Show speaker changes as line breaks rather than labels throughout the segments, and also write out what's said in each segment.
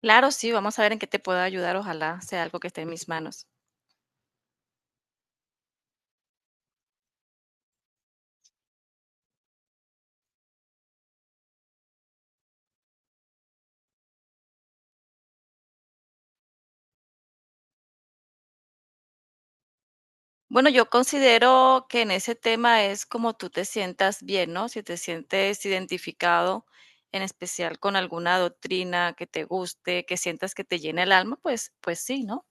Claro, sí, vamos a ver en qué te puedo ayudar, ojalá sea algo que esté en mis manos. Bueno, yo considero que en ese tema es como tú te sientas bien, ¿no? Si te sientes identificado, en especial con alguna doctrina que te guste, que sientas que te llena el alma, pues sí, ¿no?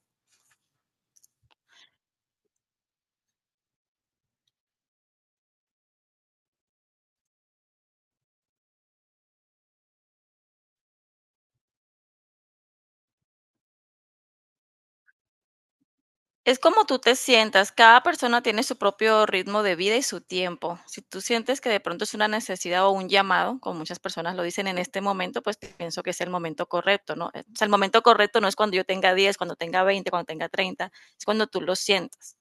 Es como tú te sientas, cada persona tiene su propio ritmo de vida y su tiempo. Si tú sientes que de pronto es una necesidad o un llamado, como muchas personas lo dicen en este momento, pues pienso que es el momento correcto, ¿no? O sea, el momento correcto no es cuando yo tenga 10, cuando tenga 20, cuando tenga 30. Es cuando tú lo sientas.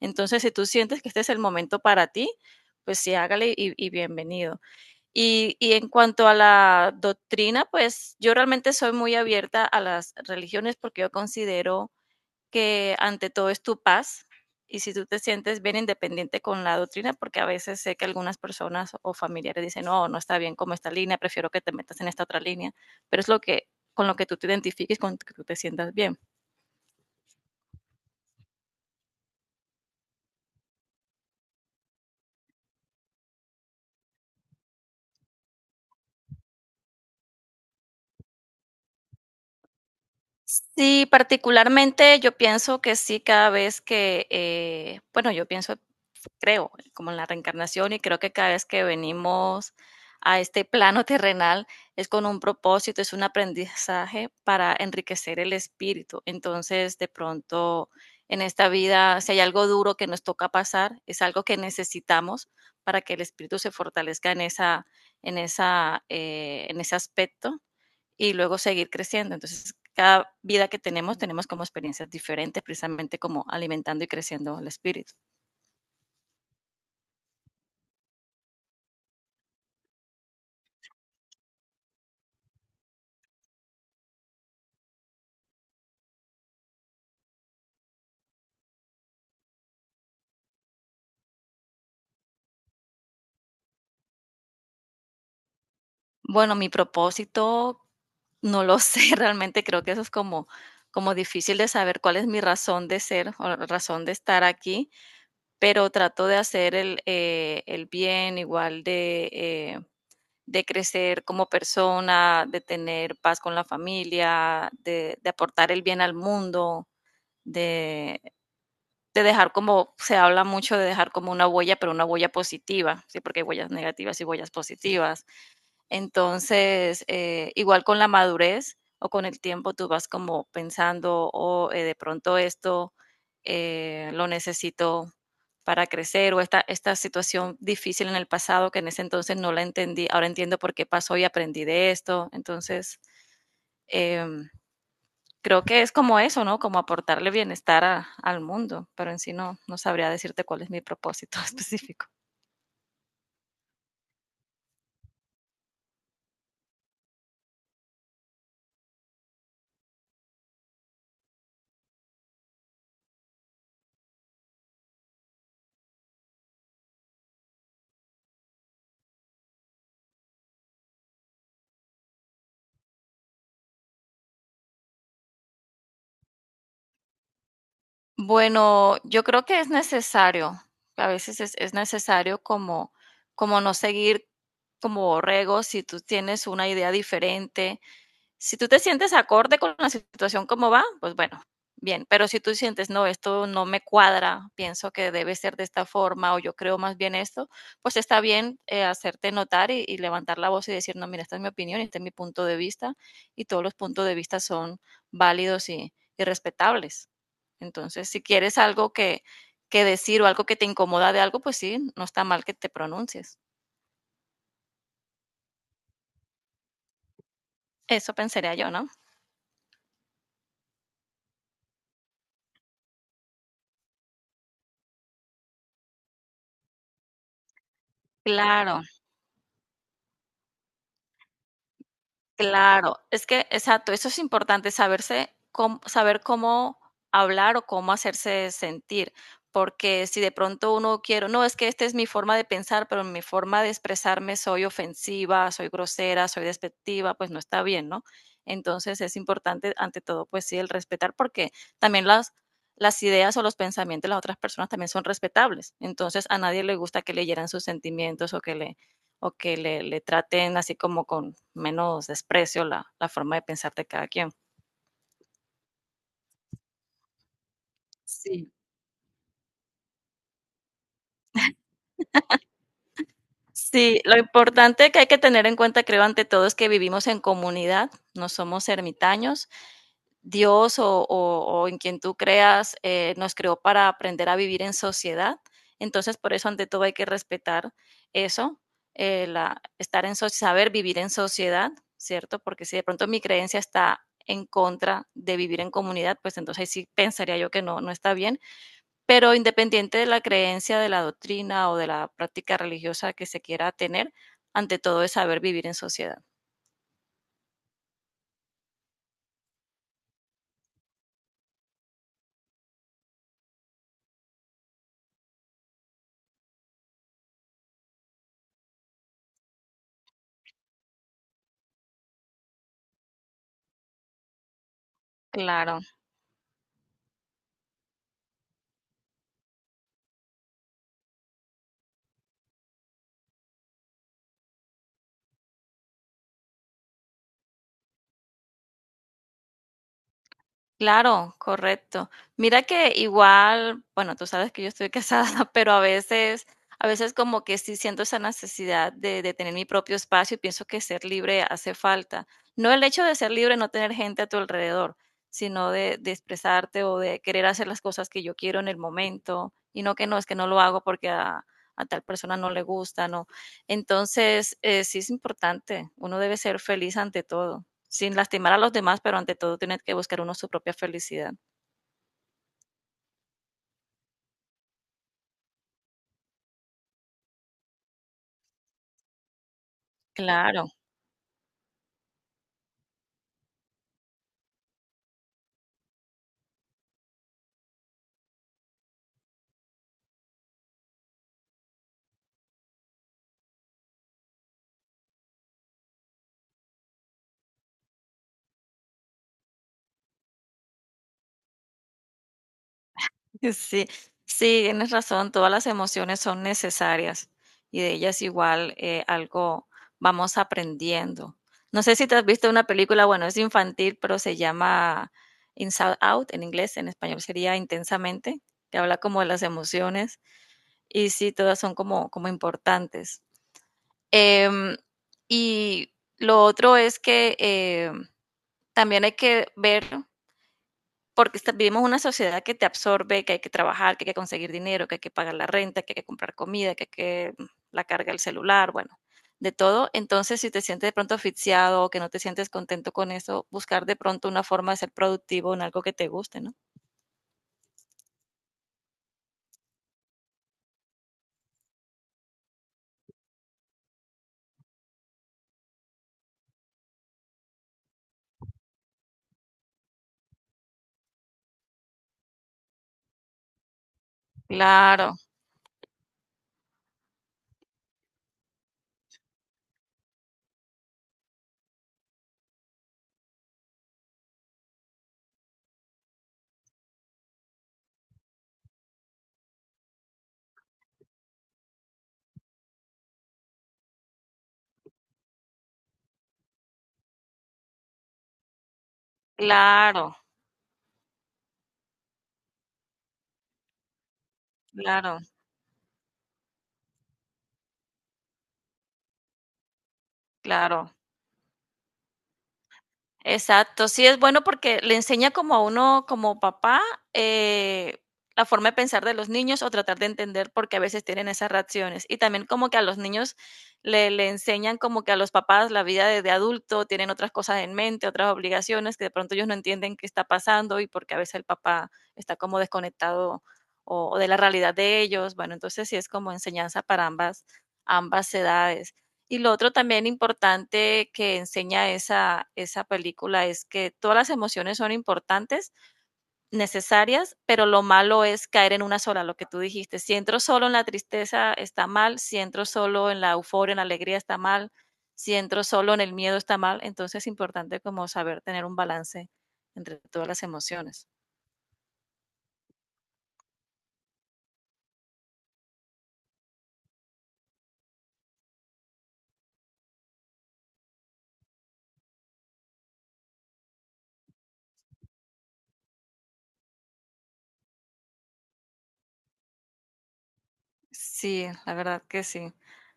Entonces, si tú sientes que este es el momento para ti, pues sí, hágale y, bienvenido. Y en cuanto a la doctrina, pues yo realmente soy muy abierta a las religiones porque yo considero que ante todo es tu paz y si tú te sientes bien independiente con la doctrina, porque a veces sé que algunas personas o familiares dicen, no, no está bien como esta línea, prefiero que te metas en esta otra línea, pero es lo que con lo que tú te identifiques, con lo que tú te sientas bien. Sí, particularmente yo pienso que sí, cada vez que bueno, yo pienso creo, como en la reencarnación y creo que cada vez que venimos a este plano terrenal es con un propósito, es un aprendizaje para enriquecer el espíritu. Entonces, de pronto, en esta vida, si hay algo duro que nos toca pasar, es algo que necesitamos para que el espíritu se fortalezca en ese aspecto y luego seguir creciendo. Entonces, cada vida que tenemos, tenemos como experiencias diferentes, precisamente como alimentando y creciendo el espíritu. Bueno, mi propósito no lo sé, realmente creo que eso es como como difícil de saber cuál es mi razón de ser o la razón de estar aquí, pero trato de hacer el bien, igual de crecer como persona, de tener paz con la familia, de aportar el bien al mundo, de, de dejar como, se habla mucho de dejar como una huella, pero una huella positiva, ¿sí? Porque hay huellas negativas y huellas positivas. Entonces, igual con la madurez o con el tiempo tú vas como pensando, o oh, de pronto esto lo necesito para crecer o esta situación difícil en el pasado que en ese entonces no la entendí, ahora entiendo por qué pasó y aprendí de esto. Entonces, em, creo que es como eso, ¿no? Como aportarle bienestar al mundo, pero en sí no, no sabría decirte cuál es mi propósito específico. Bueno, yo creo que es necesario, a veces es necesario como, como no seguir como borregos si tú tienes una idea diferente si tú te sientes acorde con la situación como va, pues bueno, bien, pero si tú sientes, no, esto no me cuadra, pienso que debe ser de esta forma o yo creo más bien esto, pues está bien hacerte notar y levantar la voz y decir, no, mira, esta es mi opinión, este es mi punto de vista y todos los puntos de vista son válidos y respetables. Entonces, si quieres algo que decir o algo que te incomoda de algo, pues sí, no está mal que te pronuncies. Eso pensaría yo, ¿no? Claro. Claro, es que, exacto, eso es importante, saberse cómo, saber cómo hablar o cómo hacerse sentir, porque si de pronto uno quiere, no, es que esta es mi forma de pensar, pero mi forma de expresarme soy ofensiva, soy grosera, soy despectiva, pues no está bien, ¿no? Entonces es importante, ante todo, pues sí, el respetar, porque también las ideas o los pensamientos de las otras personas también son respetables. Entonces a nadie le gusta que leyeran sus sentimientos o que le traten así como con menos desprecio la forma de pensar de cada quien. Sí. Sí, lo importante que hay que tener en cuenta, creo, ante todo, es que vivimos en comunidad, no somos ermitaños. Dios o, o en quien tú creas nos creó para aprender a vivir en sociedad. Entonces, por eso, ante todo, hay que respetar eso, la, estar en soci- saber vivir en sociedad, ¿cierto? Porque si de pronto mi creencia está en contra de vivir en comunidad, pues entonces ahí sí pensaría yo que no, no está bien. Pero independiente de la creencia, de la doctrina o de la práctica religiosa que se quiera tener, ante todo es saber vivir en sociedad. Claro. Claro, correcto. Mira que igual, bueno, tú sabes que yo estoy casada, pero a veces como que sí siento esa necesidad de tener mi propio espacio y pienso que ser libre hace falta. No el hecho de ser libre, no tener gente a tu alrededor, sino de expresarte o de querer hacer las cosas que yo quiero en el momento y no que no, es que no lo hago porque a tal persona no le gusta, ¿no? Entonces, sí es importante, uno debe ser feliz ante todo. Sin lastimar a los demás, pero ante todo tiene que buscar uno su propia felicidad. Claro. Sí, sí, tienes razón, todas las emociones son necesarias y de ellas igual algo vamos aprendiendo. No sé si te has visto una película, bueno, es infantil, pero se llama Inside Out en inglés, en español sería Intensamente, que habla como de las emociones y sí, todas son como, como importantes. Em, y lo otro es que también hay que ver. Porque esta vivimos una sociedad que te absorbe, que hay que trabajar, que hay que conseguir dinero, que hay que pagar la renta, que hay que comprar comida, que hay que la carga del celular, bueno, de todo. Entonces, si te sientes de pronto asfixiado o que no te sientes contento con eso, buscar de pronto una forma de ser productivo en algo que te guste, ¿no? Claro, claro, claro, claro. Exacto, sí es bueno porque le enseña como a uno, como papá, eh, la forma de pensar de los niños o tratar de entender por qué a veces tienen esas reacciones. Y también como que a los niños le enseñan como que a los papás la vida de adulto, tienen otras cosas en mente, otras obligaciones que de pronto ellos no entienden qué está pasando y porque a veces el papá está como desconectado o de la realidad de ellos. Bueno, entonces sí es como enseñanza para ambas, ambas edades. Y lo otro también importante que enseña esa película es que todas las emociones son importantes, necesarias, pero lo malo es caer en una sola, lo que tú dijiste. Si entro solo en la tristeza está mal, si entro solo en la euforia, en la alegría está mal, si entro solo en el miedo está mal. Entonces es importante como saber tener un balance entre todas las emociones. Sí, la verdad que sí.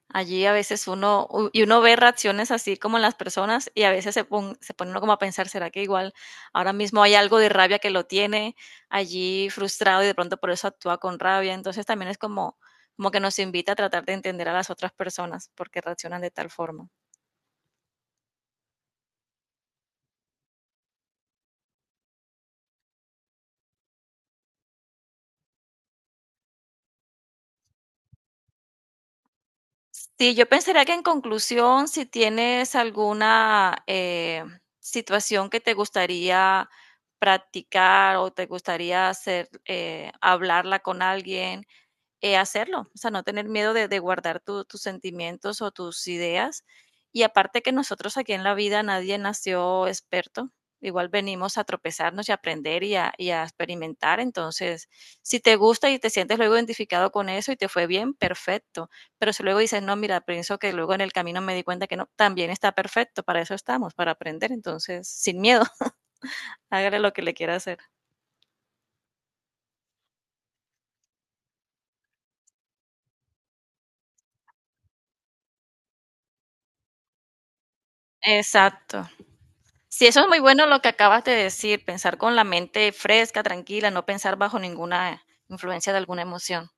Allí a veces uno, y uno ve reacciones así como en las personas y a veces se pone uno como a pensar, ¿será que igual ahora mismo hay algo de rabia que lo tiene allí frustrado y de pronto por eso actúa con rabia? Entonces también es como, como que nos invita a tratar de entender a las otras personas porque reaccionan de tal forma. Sí, yo pensaría que en conclusión, si tienes alguna situación que te gustaría practicar o te gustaría hacer, hablarla con alguien, hacerlo, o sea, no tener miedo de guardar tus sentimientos o tus ideas. Y aparte que nosotros aquí en la vida nadie nació experto, igual venimos a tropezarnos y a aprender y a experimentar. Entonces, si te gusta y te sientes luego identificado con eso y te fue bien, perfecto. Pero si luego dices, no, mira, pienso que luego en el camino me di cuenta que no, también está perfecto, para eso estamos, para aprender. Entonces, sin miedo, hágale lo que le quiera hacer. Exacto. Sí, eso es muy bueno lo que acabas de decir, pensar con la mente fresca, tranquila, no pensar bajo ninguna influencia de alguna emoción.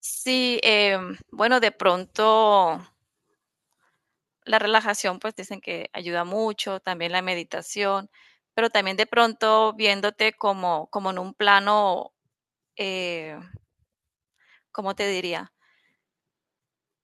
Sí, bueno, de pronto la relajación, pues dicen que ayuda mucho, también la meditación, pero también de pronto viéndote como, como en un plano, eh, ¿cómo te diría?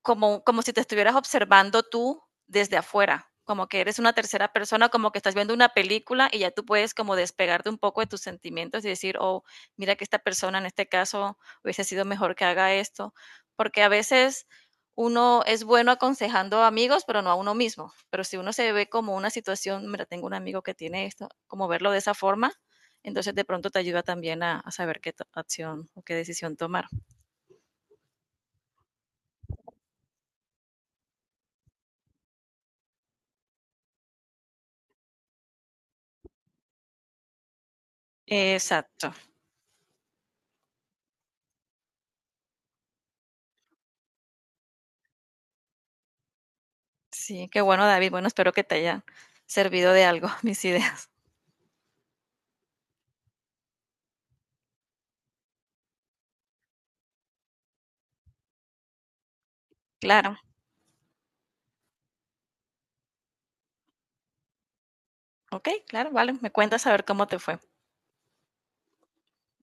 Como, como si te estuvieras observando tú desde afuera, como que eres una tercera persona, como que estás viendo una película y ya tú puedes como despegarte un poco de tus sentimientos y decir, oh, mira que esta persona en este caso hubiese sido mejor que haga esto, porque a veces uno es bueno aconsejando a amigos, pero no a uno mismo. Pero si uno se ve como una situación, mira, tengo un amigo que tiene esto, como verlo de esa forma, entonces de pronto te ayuda también a saber qué acción o qué decisión tomar. Exacto. Sí, qué bueno, David. Bueno, espero que te hayan servido de algo mis ideas. Claro, ok, claro, vale. Me cuentas a ver cómo te fue.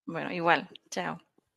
Bueno, igual, chao.